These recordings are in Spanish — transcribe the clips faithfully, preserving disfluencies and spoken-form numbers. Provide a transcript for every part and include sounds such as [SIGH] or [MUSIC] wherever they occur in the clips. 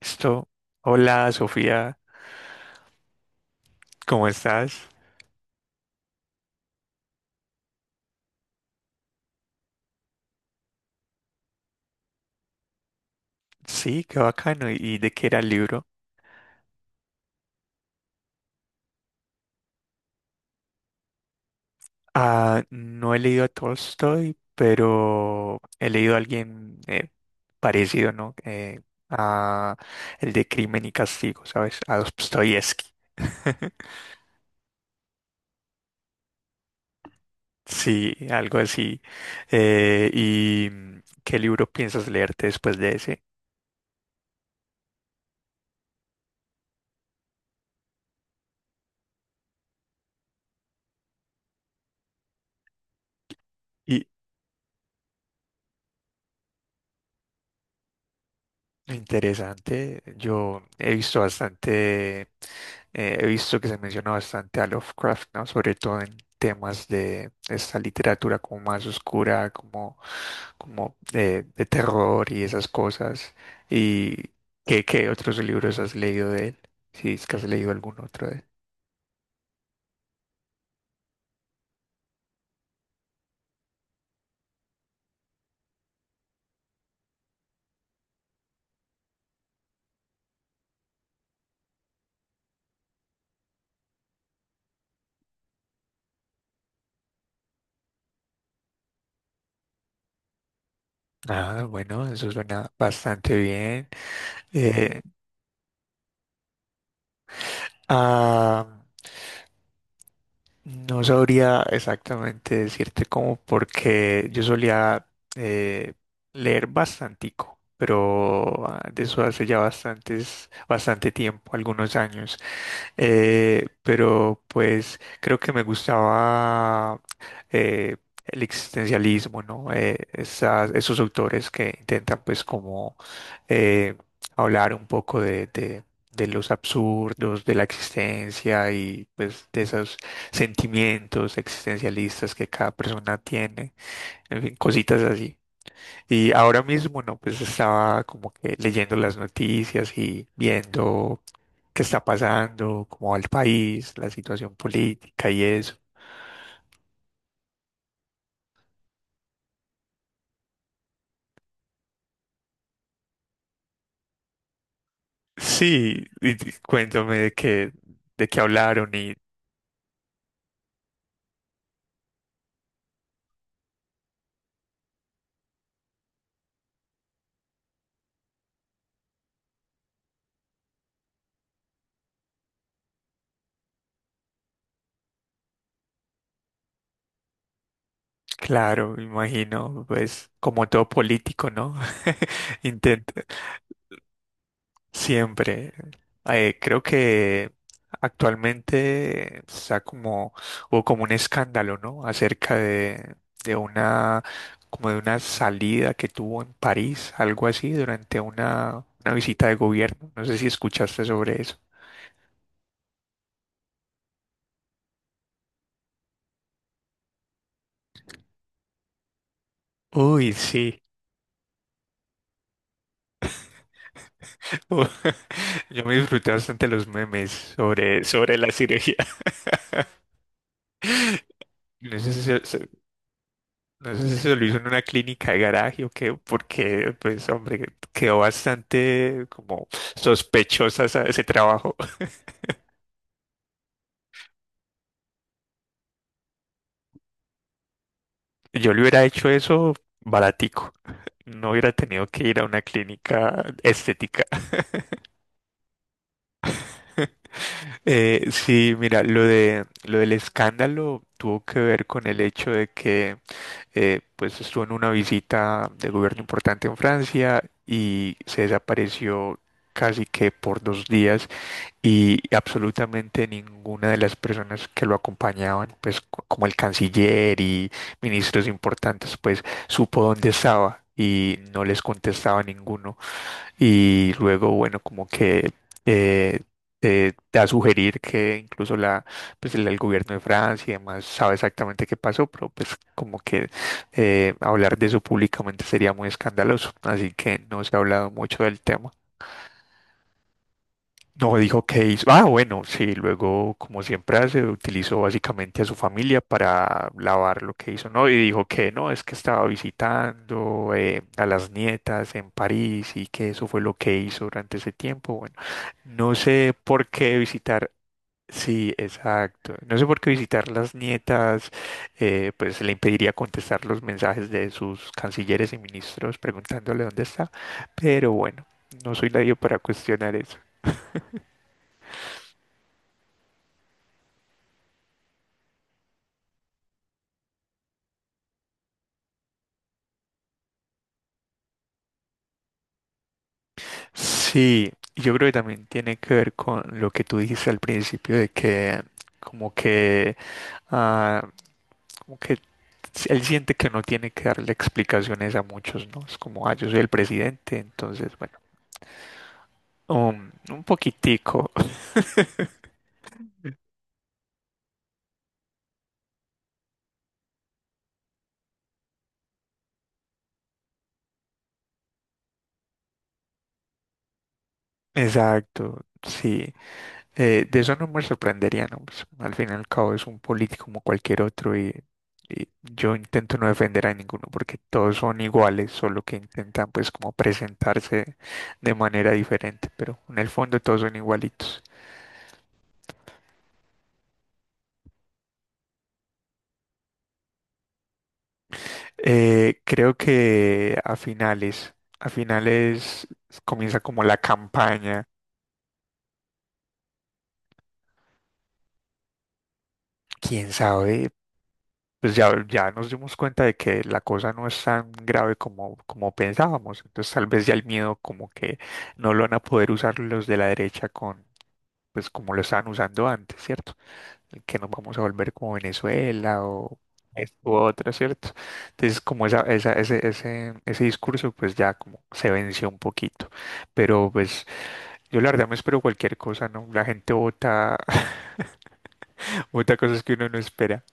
Esto, hola Sofía, ¿cómo estás? Sí, qué bacano. ¿Y de qué era el libro? Ah, no he leído a Tolstoy, pero he leído a alguien eh, parecido, ¿no? Eh, a el de Crimen y Castigo, ¿sabes? A Dostoyevsky. [LAUGHS] Sí, algo así. Eh, ¿y mm, qué libro piensas leerte después de ese? Y interesante, yo he visto bastante. Eh, he visto que se menciona bastante a Lovecraft, ¿no? Sobre todo en temas de esta literatura como más oscura, como, como eh, de terror y esas cosas. ¿Y qué, qué otros libros has leído de él? Si es que has leído algún otro de él. Ah, bueno, eso suena bastante bien. Eh, ah, No sabría exactamente decirte cómo, porque yo solía eh, leer bastantico, pero ah, de eso hace ya bastantes, bastante tiempo, algunos años. Eh, pero pues creo que me gustaba eh, el existencialismo, ¿no? Eh, esas- esos autores que intentan pues como eh, hablar un poco de, de- de los absurdos de la existencia y pues de esos sentimientos existencialistas que cada persona tiene, en fin, cositas así. Y ahora mismo, no, pues estaba como que leyendo las noticias y viendo qué está pasando, cómo va el país, la situación política y eso. Sí, y di- cuéntame de qué, de qué hablaron y claro, imagino, pues como todo político, ¿no? [LAUGHS] Intenta. Siempre. Eh, creo que actualmente está como, hubo como un escándalo, ¿no? Acerca de, de una, como de una salida que tuvo en París, algo así, durante una, una visita de gobierno. No sé si escuchaste sobre eso. Uy, sí. [LAUGHS] Yo me disfruté bastante los memes sobre, sobre la cirugía. [LAUGHS] No sé si, No sé si se lo hizo en una clínica de garaje o qué, porque, pues, hombre, quedó bastante como sospechosa esa- ese trabajo. Si yo le hubiera hecho eso baratico. No hubiera tenido que ir a una clínica estética. [LAUGHS] Eh, sí, mira, lo de, lo del escándalo tuvo que ver con el hecho de que, eh, pues, estuvo en una visita de gobierno importante en Francia y se desapareció casi que por dos días y absolutamente ninguna de las personas que lo acompañaban, pues co- como el canciller y ministros importantes, pues supo dónde estaba y no les contestaba ninguno. Y luego, bueno, como que eh, eh, da a sugerir que incluso la, pues el, el gobierno de Francia y demás sabe exactamente qué pasó, pero pues como que eh, hablar de eso públicamente sería muy escandaloso. Así que no se ha hablado mucho del tema. No dijo que hizo. Ah, bueno, sí, luego, como siempre hace, utilizó básicamente a su familia para lavar lo que hizo, ¿no? Y dijo que no, es que estaba visitando eh, a las nietas en París y que eso fue lo que hizo durante ese tiempo. Bueno, no sé por qué visitar. Sí, exacto. No sé por qué visitar las nietas, eh, pues le impediría contestar los mensajes de sus cancilleres y ministros preguntándole dónde está. Pero bueno, no soy nadie para cuestionar eso. Sí, yo creo que también tiene que ver con lo que tú dijiste al principio de que como que ah, como que él siente que no tiene que darle explicaciones a muchos, ¿no? Es como, ah, yo soy el presidente, entonces, bueno, um, un poquitico. [LAUGHS] Exacto, sí. Eh, de eso no me sorprendería, ¿no? Pues, al fin y al cabo es un político como cualquier otro y, y yo intento no defender a ninguno porque todos son iguales, solo que intentan pues como presentarse de manera diferente, pero en el fondo todos son igualitos. Eh, creo que a finales, a finales comienza como la campaña, quién sabe, pues ya, ya nos dimos cuenta de que la cosa no es tan grave como, como pensábamos. Entonces tal vez ya el miedo como que no lo van a poder usar los de la derecha con, pues como lo estaban usando antes, ¿cierto? Que nos vamos a volver como Venezuela o esto u otro, ¿cierto? Entonces como esa, esa, ese, ese, ese discurso pues ya como se venció un poquito. Pero pues yo la verdad me espero cualquier cosa, ¿no? La gente vota, [LAUGHS] vota cosas que uno no espera.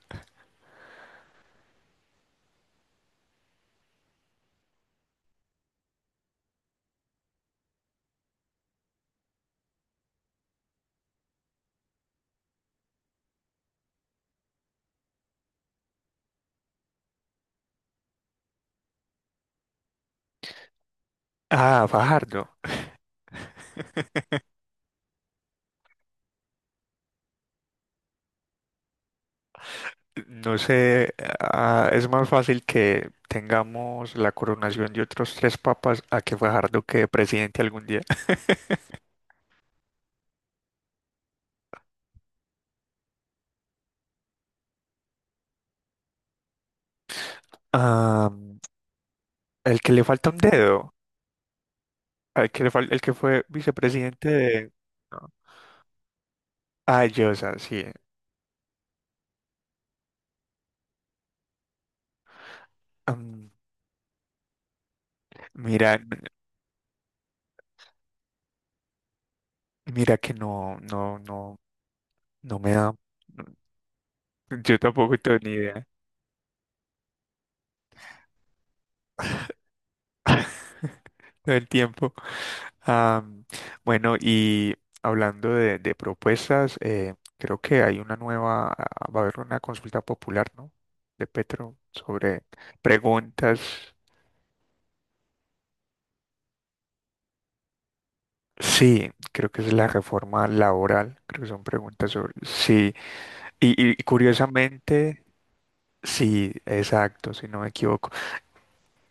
Ah, Fajardo. No sé, ah, es más fácil que tengamos la coronación de otros tres papas a que Fajardo quede presidente algún día. [LAUGHS] Ah, el que le falta un dedo, el que, le fal- el que fue vicepresidente de... no. Ah, Llosa, sí. Mm, mira, mira que no, no, no, no me da... no, yo tampoco tengo ni idea del tiempo. Ah, bueno, y hablando de, de propuestas, eh, creo que hay una nueva, ah, va a haber una consulta popular, ¿no? De Petro sobre preguntas. Sí, creo que es la reforma laboral, creo que son preguntas sobre... Sí, y, y curiosamente, sí, exacto, si no me equivoco.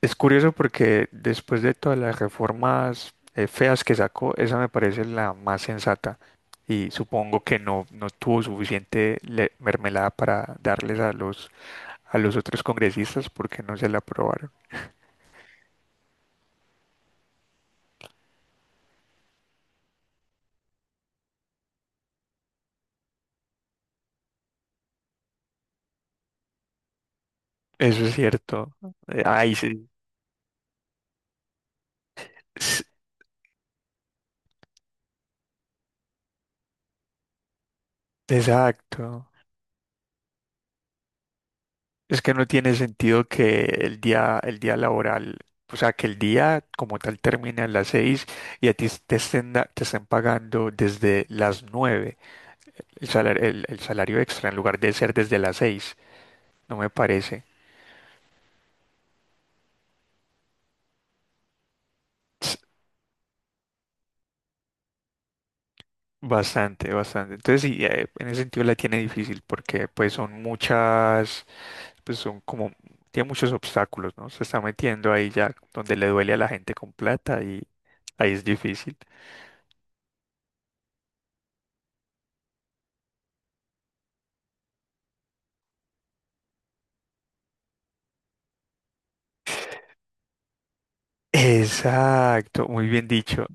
Es curioso porque después de todas las reformas eh, feas que sacó, esa me parece la más sensata y supongo que no, no tuvo suficiente le- mermelada para darles a los, a los otros congresistas porque no se la aprobaron. Eso es cierto. Eh, Ay, sí. s- Exacto. Es que no tiene sentido que el día, el día laboral, o sea, que el día como tal termine a las seis y a ti te estén, da- te estén pagando desde las nueve. El salario, el, el salario extra en lugar de ser desde las seis no me parece ts- bastante, bastante. Entonces sí, eh, en ese sentido la tiene difícil porque pues son muchas, pues son como, tiene muchos obstáculos, ¿no? Se está metiendo ahí ya donde le duele a la gente con plata y ahí es difícil. Exacto, muy bien dicho.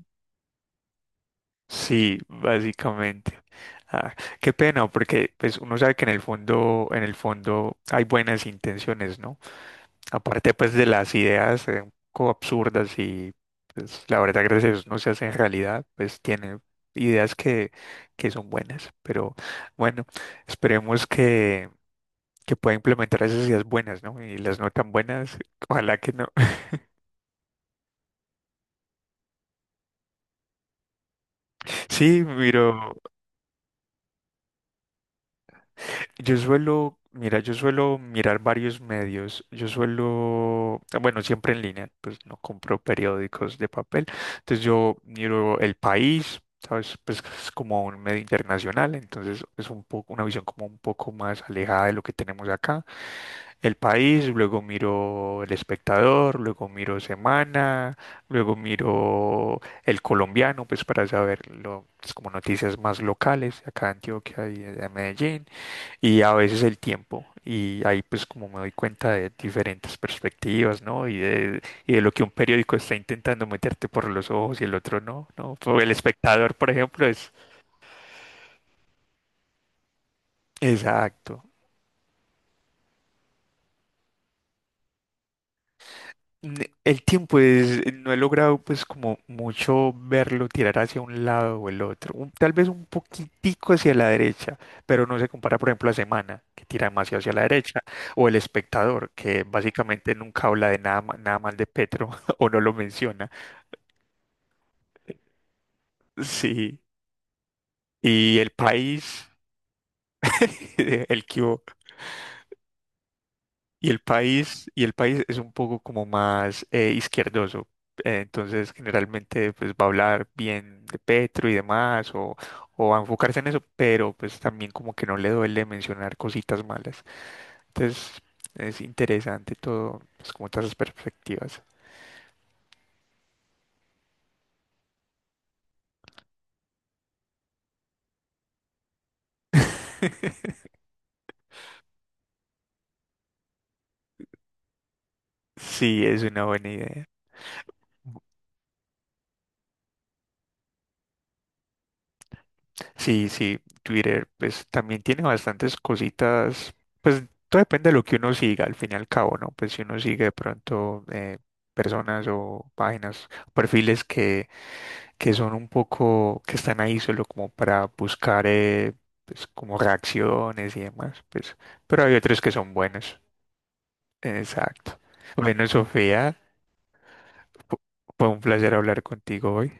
Sí, básicamente. Ah, qué pena, porque pues uno sabe que en el fondo, en el fondo hay buenas intenciones, ¿no? Aparte pues de las ideas eh, un poco absurdas y pues la verdad gracias a Dios no se hacen realidad, pues tiene ideas que, que son buenas, pero bueno, esperemos que, que pueda implementar esas ideas buenas, ¿no? Y las no tan buenas, ojalá que no. [LAUGHS] Sí, miro. Yo suelo, mira, yo suelo mirar varios medios. Yo suelo, bueno, siempre en línea, pues no compro periódicos de papel. Entonces yo miro El País, ¿sabes? Pues es como un medio internacional, entonces es un poco una visión como un poco más alejada de lo que tenemos acá. El País, luego miro El Espectador, luego miro Semana, luego miro El Colombiano, pues para saber lo, pues, como noticias más locales acá de Antioquia y de Medellín y a veces el tiempo. Y ahí pues como me doy cuenta de diferentes perspectivas, ¿no? Y de, y de lo que un periódico está intentando meterte por los ojos y el otro no, ¿no? Por El Espectador, por ejemplo, es... Exacto. N- El tiempo es, no he logrado pues como mucho verlo tirar hacia un lado o el otro, un- tal vez un poquitico hacia la derecha, pero no se compara por ejemplo a Semana, que tira demasiado hacia la derecha, o El Espectador, que básicamente nunca habla de nada, ma- nada mal de Petro [LAUGHS] o no lo menciona. Sí, y el país, [LAUGHS] el que hubo, y el país, y el país es un poco como más eh, izquierdoso. Eh, entonces, generalmente, pues va a hablar bien de Petro y demás, o, o va a enfocarse en eso, pero pues también como que no le duele mencionar cositas malas. Entonces, es interesante todo, pues como todas las perspectivas. [LAUGHS] Sí, es una buena idea. Sí, sí, Twitter pues también tiene bastantes cositas, pues todo depende de lo que uno siga al fin y al cabo, ¿no? Pues si uno sigue de pronto eh, personas o páginas, perfiles que, que son un poco, que están ahí solo como para buscar eh, pues como reacciones y demás, pues, pero hay otros que son buenos, exacto. Bueno, Sofía, fu- fue un placer hablar contigo hoy.